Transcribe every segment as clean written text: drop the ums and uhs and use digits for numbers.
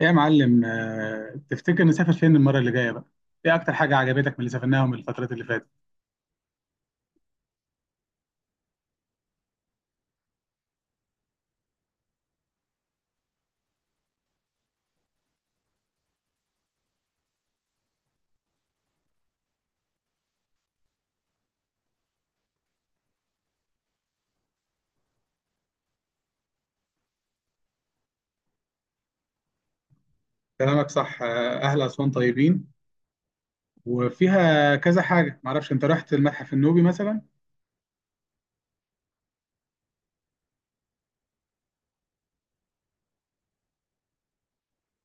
إيه يا معلم، تفتكر نسافر فين المرة اللي جاية بقى؟ ايه أكتر حاجة عجبتك من اللي سافرناها من الفترات اللي فاتت؟ كلامك صح. أهل أسوان طيبين، وفيها كذا حاجة. معرفش، أنت رحت المتحف النوبي مثلا؟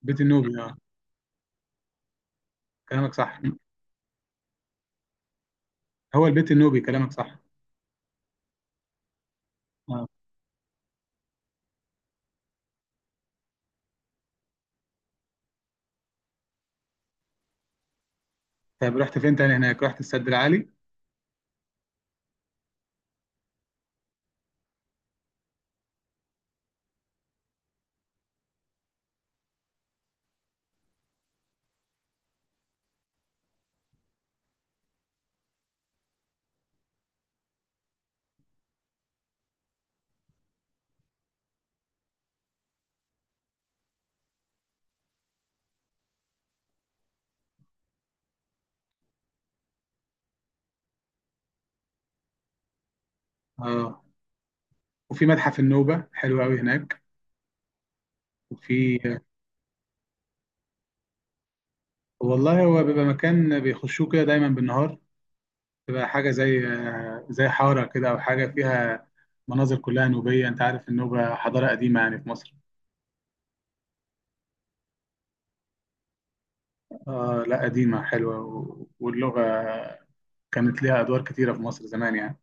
بيت النوبي، أه. كلامك صح. هو البيت النوبي، كلامك صح، أه. طيب رحت فين تاني هناك؟ رحت السد العالي؟ أه. وفي متحف النوبة حلو أوي هناك. وفي والله هو بيبقى مكان بيخشوه كده دايما بالنهار، تبقى حاجة زي زي حارة كده، أو حاجة فيها مناظر كلها نوبية. أنت عارف النوبة حضارة قديمة يعني في مصر. آه لا، قديمة حلوة، واللغة كانت ليها أدوار كتيرة في مصر زمان يعني.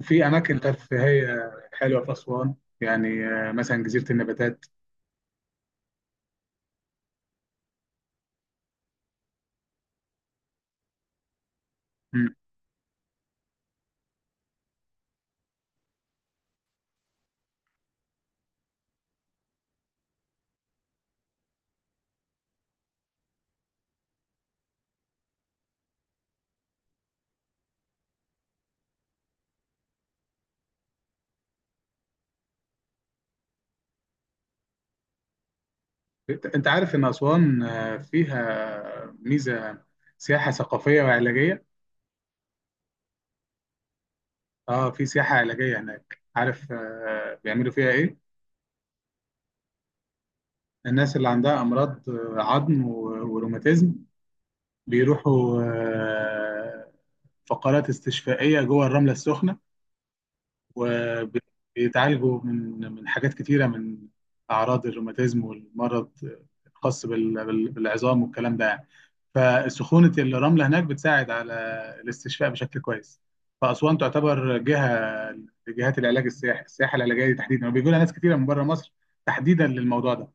وفي أماكن ترفيهية حلوة في أسوان، يعني مثلا جزيرة النباتات. مم. أنت عارف إن أسوان فيها ميزة سياحة ثقافية وعلاجية. آه، في سياحة علاجية هناك. عارف بيعملوا فيها إيه؟ الناس اللي عندها أمراض عظم وروماتيزم بيروحوا فقرات استشفائية جوه الرملة السخنة، وبيتعالجوا من حاجات كتيرة، من أعراض الروماتيزم والمرض الخاص بالعظام والكلام ده يعني. فسخونة الرملة هناك بتساعد على الاستشفاء بشكل كويس. فأسوان تعتبر جهة لجهات العلاج السياحي، السياحة العلاجية دي تحديدا، وبيجوا لها ناس كتيرة من بره مصر تحديدا للموضوع ده.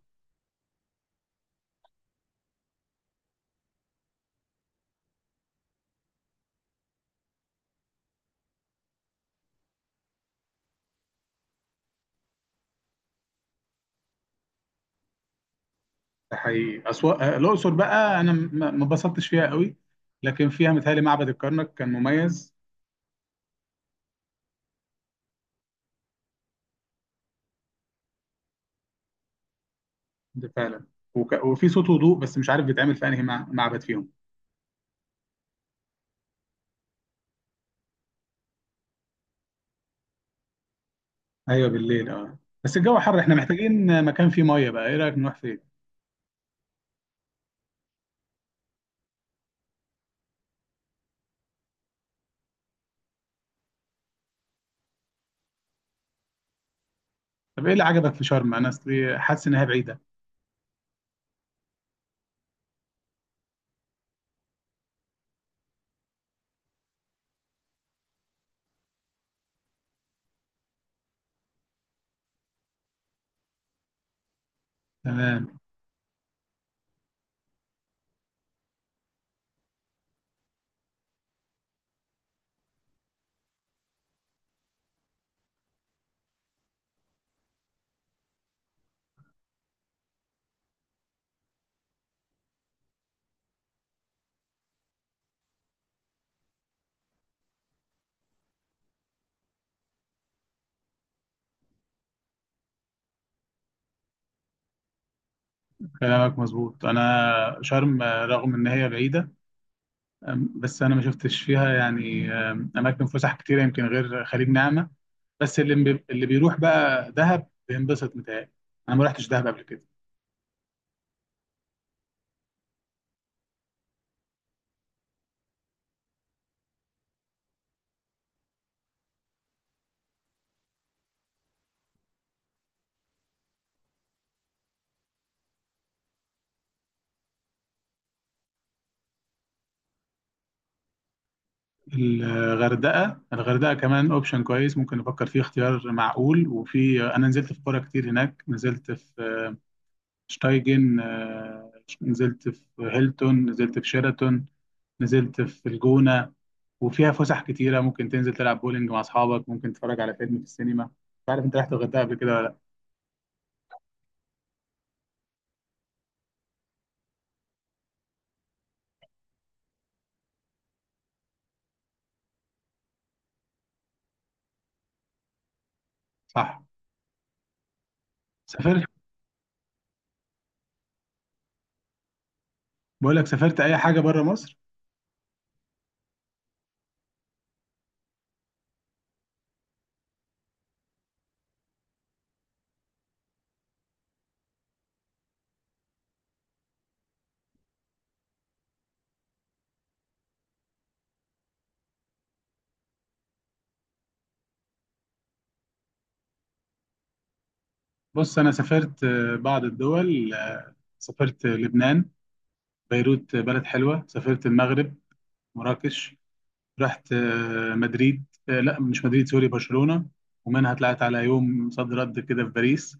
ده حقيقي. أسوأ الأقصر بقى، أنا ما اتبسطتش فيها قوي، لكن فيها متهيألي معبد الكرنك كان مميز. ده فعلا. وفي صوت وضوء، بس مش عارف بيتعمل في أنهي معبد فيهم. أيوه بالليل، أه. بس الجو حر، إحنا محتاجين مكان فيه مية بقى. إيه رأيك نروح فين؟ طب إيه اللي عجبك في شرم؟ أنا أصلي حاسس إنها بعيدة. تمام. كلامك مظبوط. أنا شرم رغم إن هي بعيدة، آم، بس أنا ما شفتش فيها يعني آم، أماكن فسح كتيرة يمكن غير خليج نعمة. بس اللي بيروح بقى دهب بينبسط متهيألي. انا ما رحتش دهب قبل كده. الغردقه كمان اوبشن كويس، ممكن نفكر فيه. اختيار معقول. وفي، انا نزلت في قرى كتير هناك. نزلت في شتايجن، نزلت في هيلتون، نزلت في شيراتون، نزلت في الجونه. وفيها فسح كتيره، ممكن تنزل تلعب بولينج مع اصحابك، ممكن تتفرج على فيلم في السينما. مش عارف انت رحت الغردقه قبل كده ولا لا. صح. سافرت؟ بقول لك، سافرت اي حاجه بره مصر؟ بص، أنا سافرت بعض الدول. سافرت لبنان، بيروت، بلد حلوة. سافرت المغرب، مراكش. رحت مدريد، لا مش مدريد، سوري، برشلونة، ومنها طلعت على يوم صد رد كده في باريس.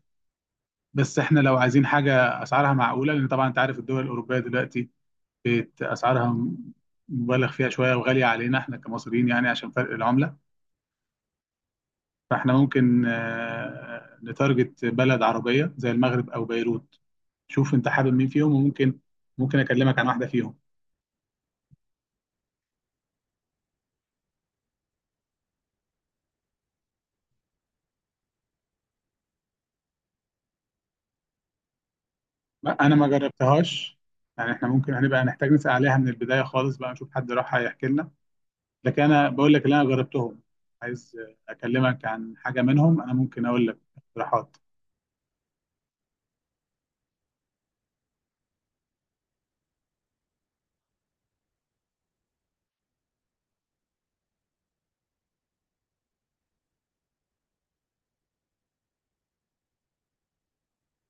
بس احنا لو عايزين حاجة أسعارها معقولة، لأن طبعا أنت عارف الدول الأوروبية دلوقتي بقت أسعارها مبالغ فيها شوية، وغالية علينا احنا كمصريين يعني عشان فرق العملة. فاحنا ممكن نتارجت بلد عربية زي المغرب أو بيروت. شوف انت حابب مين فيهم، وممكن اكلمك عن واحده فيهم. انا ما جربتهاش، يعني احنا ممكن هنبقى نحتاج نسال عليها من البدايه خالص بقى، نشوف حد راح هيحكي لنا. لكن انا بقول لك اللي انا جربتهم، عايز اكلمك عن حاجه منهم، انا ممكن اقول لك اقتراحات.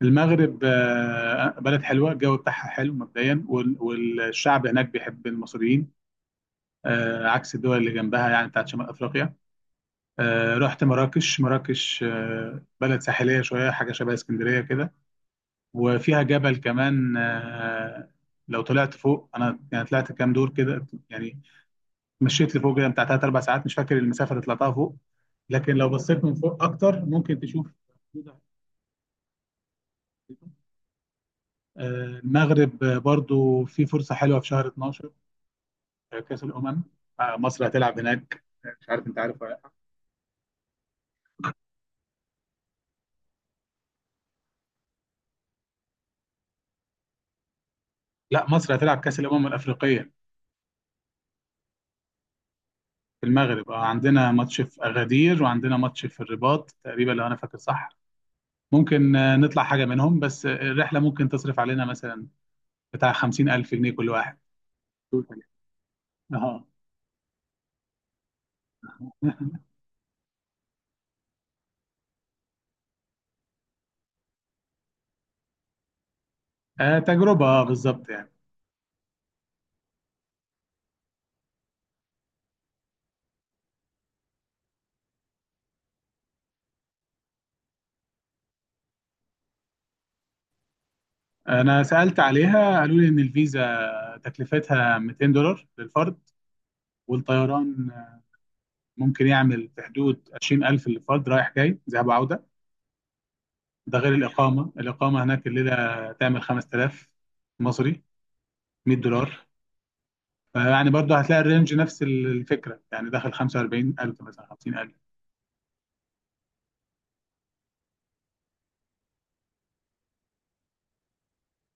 المغرب بلد حلوه، الجو بتاعها حلو مبدئيا، والشعب هناك بيحب المصريين، عكس الدول اللي جنبها يعني بتاعت شمال افريقيا. رحت مراكش. بلد ساحليه شويه، حاجه شبه اسكندريه كده. وفيها جبل كمان، لو طلعت فوق. انا يعني طلعت كام دور كده يعني، مشيت لفوق كده بتاع ثلاث اربع ساعات، مش فاكر المسافه اللي طلعتها فوق. لكن لو بصيت من فوق اكتر، ممكن تشوف حدود على الخريطة. المغرب برضو في فرصه حلوه في شهر 12. كاس الامم، مصر هتلعب هناك. مش عارف انت عارف ولا لا. لا، مصر هتلعب كاس الامم الافريقيه في المغرب. عندنا ماتش في اغادير، وعندنا ماتش في الرباط تقريبا لو انا فاكر صح. ممكن نطلع حاجة منهم، بس الرحلة ممكن تصرف علينا مثلا بتاع 50000 جنيه كل واحد. اه، تجربة بالظبط يعني. أنا سألت عليها، قالوا لي إن الفيزا تكلفتها 200 دولار للفرد، والطيران ممكن يعمل في حدود 20000 للفرد، رايح جاي، ذهاب وعودة. ده غير الإقامة. هناك الليلة تعمل 5000 مصري، 100 دولار. فيعني برضه هتلاقي الرينج نفس الفكرة، يعني داخل 45000 مثلا، 50000.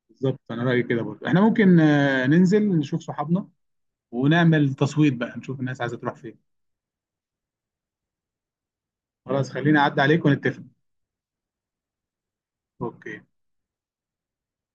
بالظبط. انا رايي كده برضه، احنا ممكن ننزل نشوف صحابنا، ونعمل تصويت بقى، نشوف الناس عايزه تروح فين. خلاص، خليني اعدي عليك ونتفق. اوكي.